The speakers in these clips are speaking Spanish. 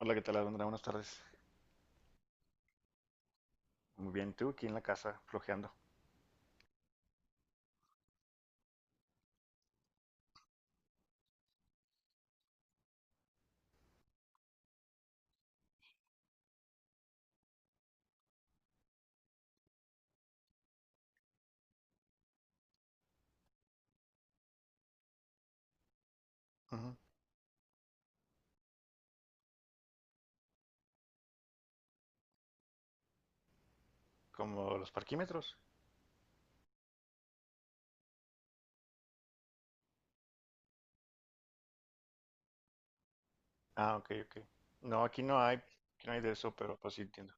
Hola, ¿qué tal, Alondra? Buenas tardes. Muy bien, tú aquí en la casa, flojeando. Ujú. Como los parquímetros. Ah, ok, ok. No, aquí no hay de eso, pero pues sí entiendo.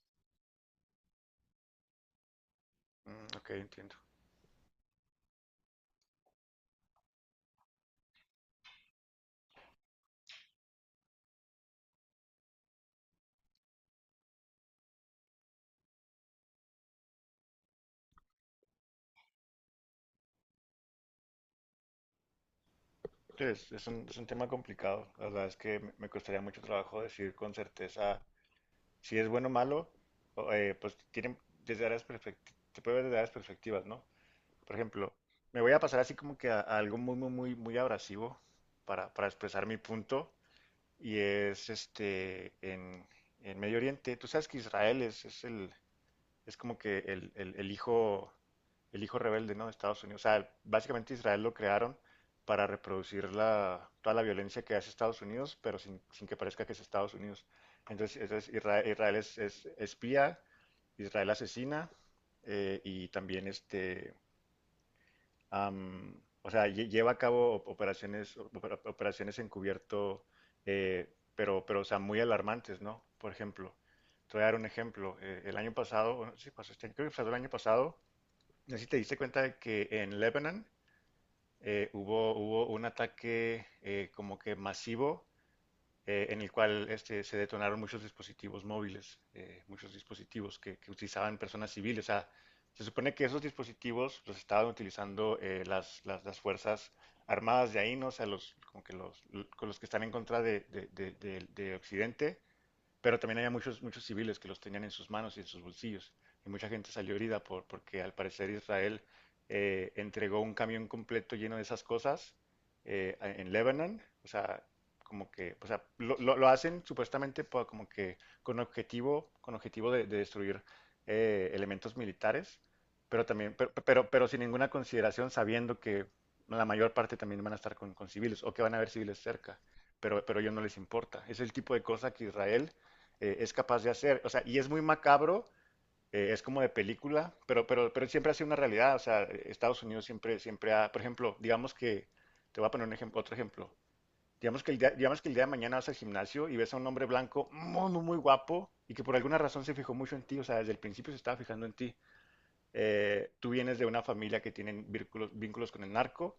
Mm, ok, entiendo. Sí, es un tema complicado. La verdad es que me costaría mucho trabajo decir con certeza si es bueno o malo. Pues tienen desde se puede ver desde áreas perspectivas, ¿no? Por ejemplo, me voy a pasar así como que a algo muy, muy, muy, muy abrasivo para expresar mi punto. Y es en Medio Oriente. Tú sabes que Israel es el, es como que el hijo rebelde, ¿no?, de Estados Unidos. O sea, básicamente Israel lo crearon para reproducir la, toda la violencia que hace Estados Unidos, pero sin, sin que parezca que es Estados Unidos. Entonces Israel, Israel es espía, Israel asesina, y también am, o sea, lleva a cabo operaciones, operaciones encubierto, pero, o sea, muy alarmantes, ¿no? Por ejemplo, te voy a dar un ejemplo. El año pasado, bueno, sí, pues, este, creo que pasó el año pasado, no sé si te diste cuenta de que en Lebanon hubo un ataque como que masivo, en el cual este, se detonaron muchos dispositivos móviles, muchos dispositivos que, utilizaban personas civiles. O sea, se supone que esos dispositivos los estaban utilizando las fuerzas armadas de ahí, ¿no? O sea, los, como que los, con los que están en contra de Occidente, pero también había muchos, muchos civiles que los tenían en sus manos y en sus bolsillos, y mucha gente salió herida porque al parecer Israel entregó un camión completo lleno de esas cosas en Lebanon. O sea, como que, o sea, lo hacen supuestamente como que con objetivo de destruir elementos militares, pero también, pero sin ninguna consideración, sabiendo que la mayor parte también van a estar con civiles o que van a haber civiles cerca, pero a ellos no les importa. Es el tipo de cosa que Israel es capaz de hacer. O sea, y es muy macabro, es como de película, pero siempre ha sido una realidad. O sea, Estados Unidos siempre, siempre ha, por ejemplo, digamos que, te voy a poner un ejemplo, otro ejemplo. Digamos que, el día, digamos que el día de mañana vas al gimnasio y ves a un hombre blanco muy, muy, muy guapo y que por alguna razón se fijó mucho en ti, o sea, desde el principio se estaba fijando en ti. Tú vienes de una familia que tiene vínculos, vínculos con el narco,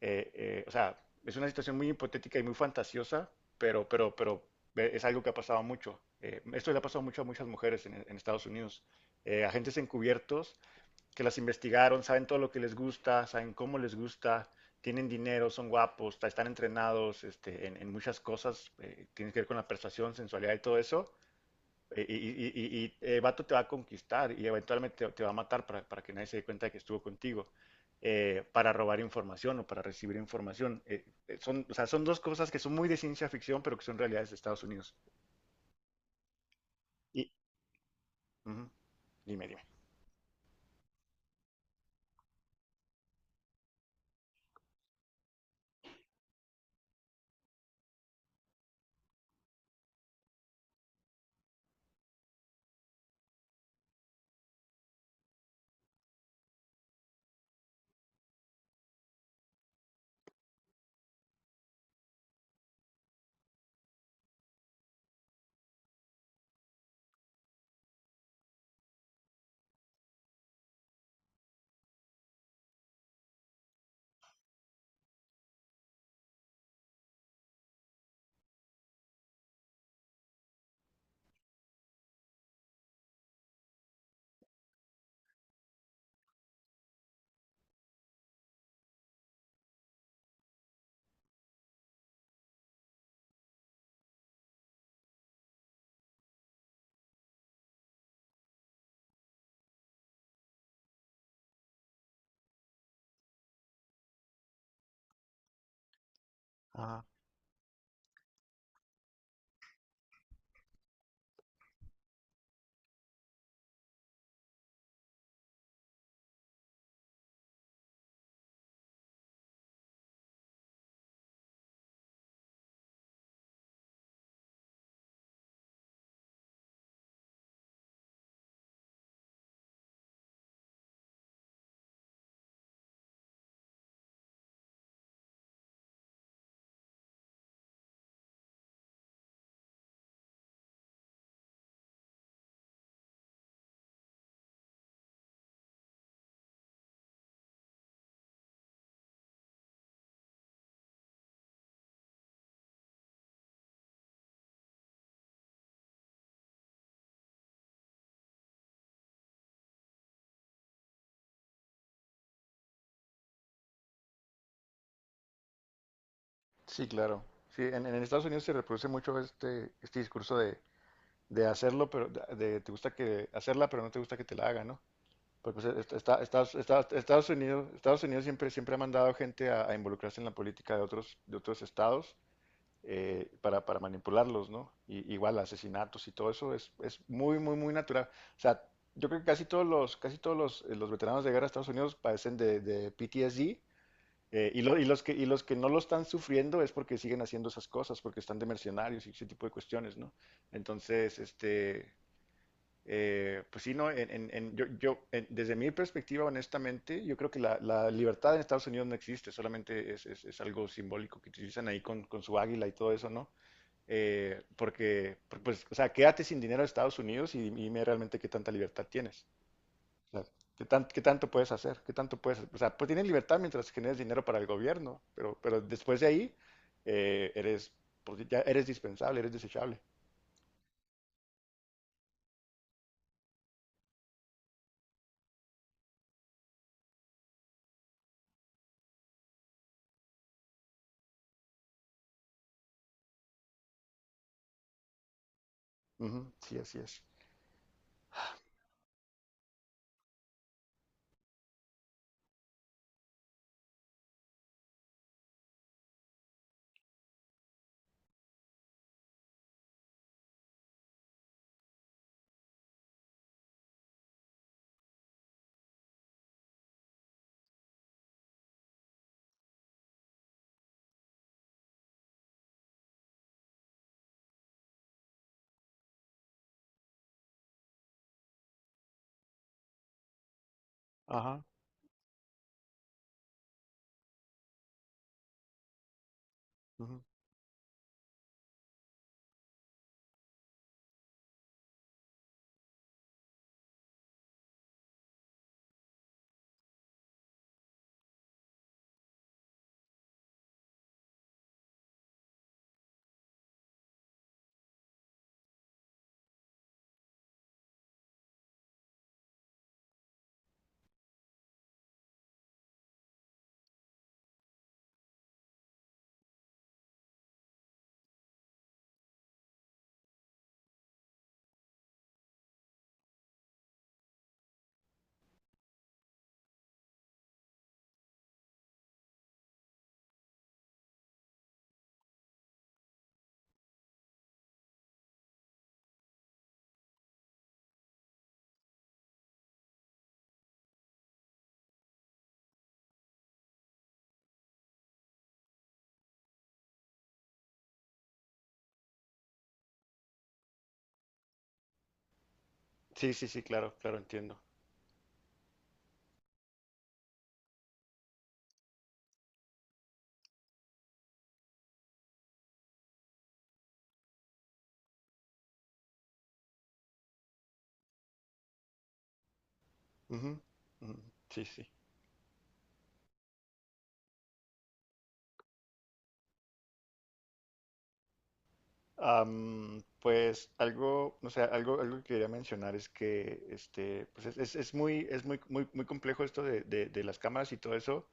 o sea, es una situación muy hipotética y muy fantasiosa, pero es algo que ha pasado mucho. Esto le ha pasado mucho a muchas mujeres en Estados Unidos. Agentes encubiertos que las investigaron, saben todo lo que les gusta, saben cómo les gusta, tienen dinero, son guapos, están entrenados este, en muchas cosas, tiene que ver con la persuasión, sensualidad y todo eso. Y, el vato te va a conquistar y eventualmente te va a matar para que nadie se dé cuenta de que estuvo contigo, para robar información o para recibir información. Son, o sea, son dos cosas que son muy de ciencia ficción, pero que son realidades de Estados Unidos. Y, ujú, dime, dime. Ah, sí, claro. Sí, en Estados Unidos se reproduce mucho este, este discurso de hacerlo, pero de, te gusta que hacerla, pero no te gusta que te la hagan, ¿no? Pero, pues, Estados Unidos, Estados Unidos siempre, siempre ha mandado gente a involucrarse en la política de otros estados, para manipularlos, ¿no? Y, igual asesinatos y todo eso es muy, muy, muy natural. O sea, yo creo que casi todos los veteranos de guerra de Estados Unidos padecen de PTSD. Y, y los que no lo están sufriendo es porque siguen haciendo esas cosas, porque están de mercenarios y ese tipo de cuestiones, ¿no? Entonces, este, pues sí, no, en, yo, yo, desde mi perspectiva, honestamente, yo creo que la libertad en Estados Unidos no existe, solamente es, es algo simbólico que utilizan ahí con su águila y todo eso, ¿no? Porque, pues, o sea, quédate sin dinero a Estados Unidos y dime realmente qué tanta libertad tienes. O sea, ¿qué qué tanto puedes hacer? ¿Qué tanto puedes? O sea, pues tienes libertad mientras generes dinero para el gobierno, pero después de ahí eres, pues, ya eres dispensable, eres desechable. Ujú, sí, así es. Ajá. Sí, sí, sí, claro, claro, entiendo. Ujú, ujú. Sí, sí. Pues algo, o sea, algo, algo que quería mencionar es que este, pues es, es muy, muy, muy complejo esto de, de las cámaras y todo eso,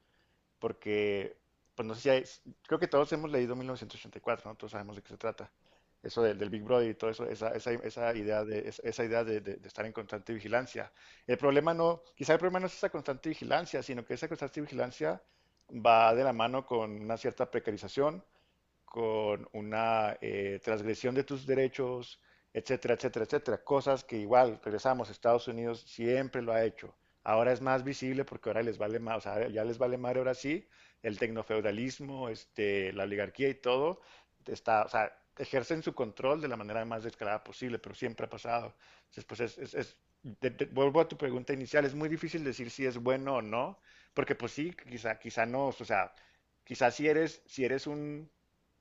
porque, pues no sé si hay, creo que todos hemos leído 1984, ¿no? Todos sabemos de qué se trata. Eso del, del Big Brother y todo eso, esa idea de, esa idea de, de estar en constante vigilancia. El problema no, quizá el problema no es esa constante vigilancia, sino que esa constante vigilancia va de la mano con una cierta precarización, con una transgresión de tus derechos, etcétera, etcétera, etcétera. Cosas que igual, regresamos, Estados Unidos siempre lo ha hecho. Ahora es más visible porque ahora les vale más, o sea, ya les vale más ahora sí, el tecnofeudalismo, este, la oligarquía y todo, está, o sea, ejercen su control de la manera más descarada posible, pero siempre ha pasado. Entonces, pues es, vuelvo a tu pregunta inicial, es muy difícil decir si es bueno o no, porque pues sí, quizá, quizá no, o sea, quizá si eres, si eres un,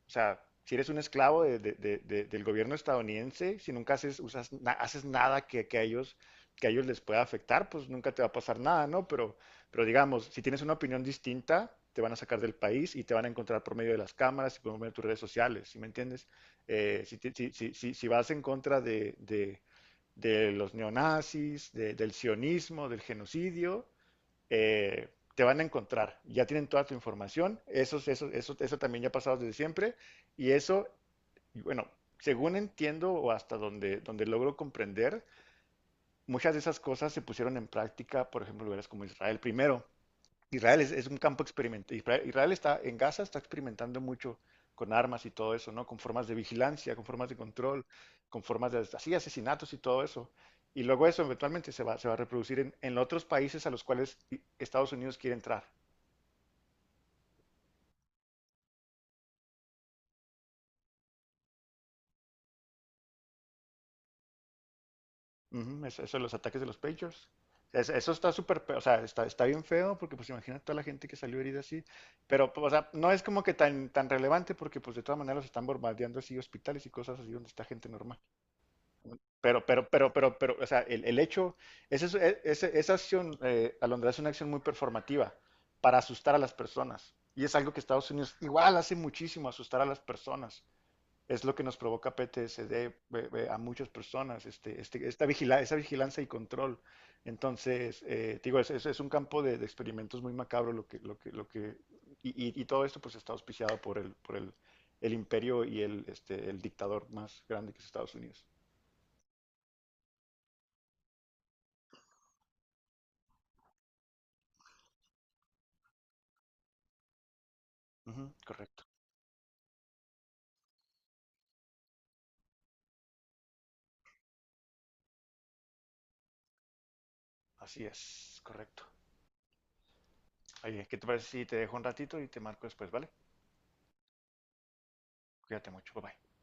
o sea, si eres un esclavo del gobierno estadounidense, si nunca haces, usas, haces nada que, que a ellos les pueda afectar, pues nunca te va a pasar nada, ¿no? Pero digamos, si tienes una opinión distinta, te van a sacar del país y te van a encontrar por medio de las cámaras y por medio de tus redes sociales, ¿sí me entiendes? Si, si, si vas en contra de, de los neonazis, del sionismo, del genocidio, eh, te van a encontrar. Ya tienen toda tu información. Eso también ya ha pasado desde siempre. Y eso, y bueno, según entiendo o hasta donde, donde logro comprender, muchas de esas cosas se pusieron en práctica, por ejemplo, en lugares como Israel primero. Israel es un campo experimental. Israel está en Gaza, está experimentando mucho con armas y todo eso, ¿no? Con formas de vigilancia, con formas de control, con formas de así, asesinatos y todo eso. Y luego eso eventualmente se va a reproducir en otros países a los cuales Estados Unidos quiere entrar. Ujú, eso de los ataques de los Pagers. Eso está súper, o sea, está, está bien feo porque pues imagina toda la gente que salió herida así, pero pues, o sea, no es como que tan, tan relevante porque pues de todas maneras los están bombardeando así hospitales y cosas así donde está gente normal. Pero, o sea, el hecho, ese es- e- ese- esa acción, Alondra, es una acción muy performativa para asustar a las personas. Y es algo que Estados Unidos igual hace muchísimo, asustar a las personas. Es lo que nos provoca PTSD a muchas personas, este, esa vigilancia y control. Entonces, te digo, es, es un campo de experimentos muy macabro lo que, lo que, lo que, y, y todo esto pues está auspiciado por el imperio y el, este, el dictador más grande que es Estados Unidos. Ujú, correcto. Así es, correcto. Oye, ¿qué te parece si te dejo un ratito y te marco después, ¿vale? Cuídate mucho, bye bye.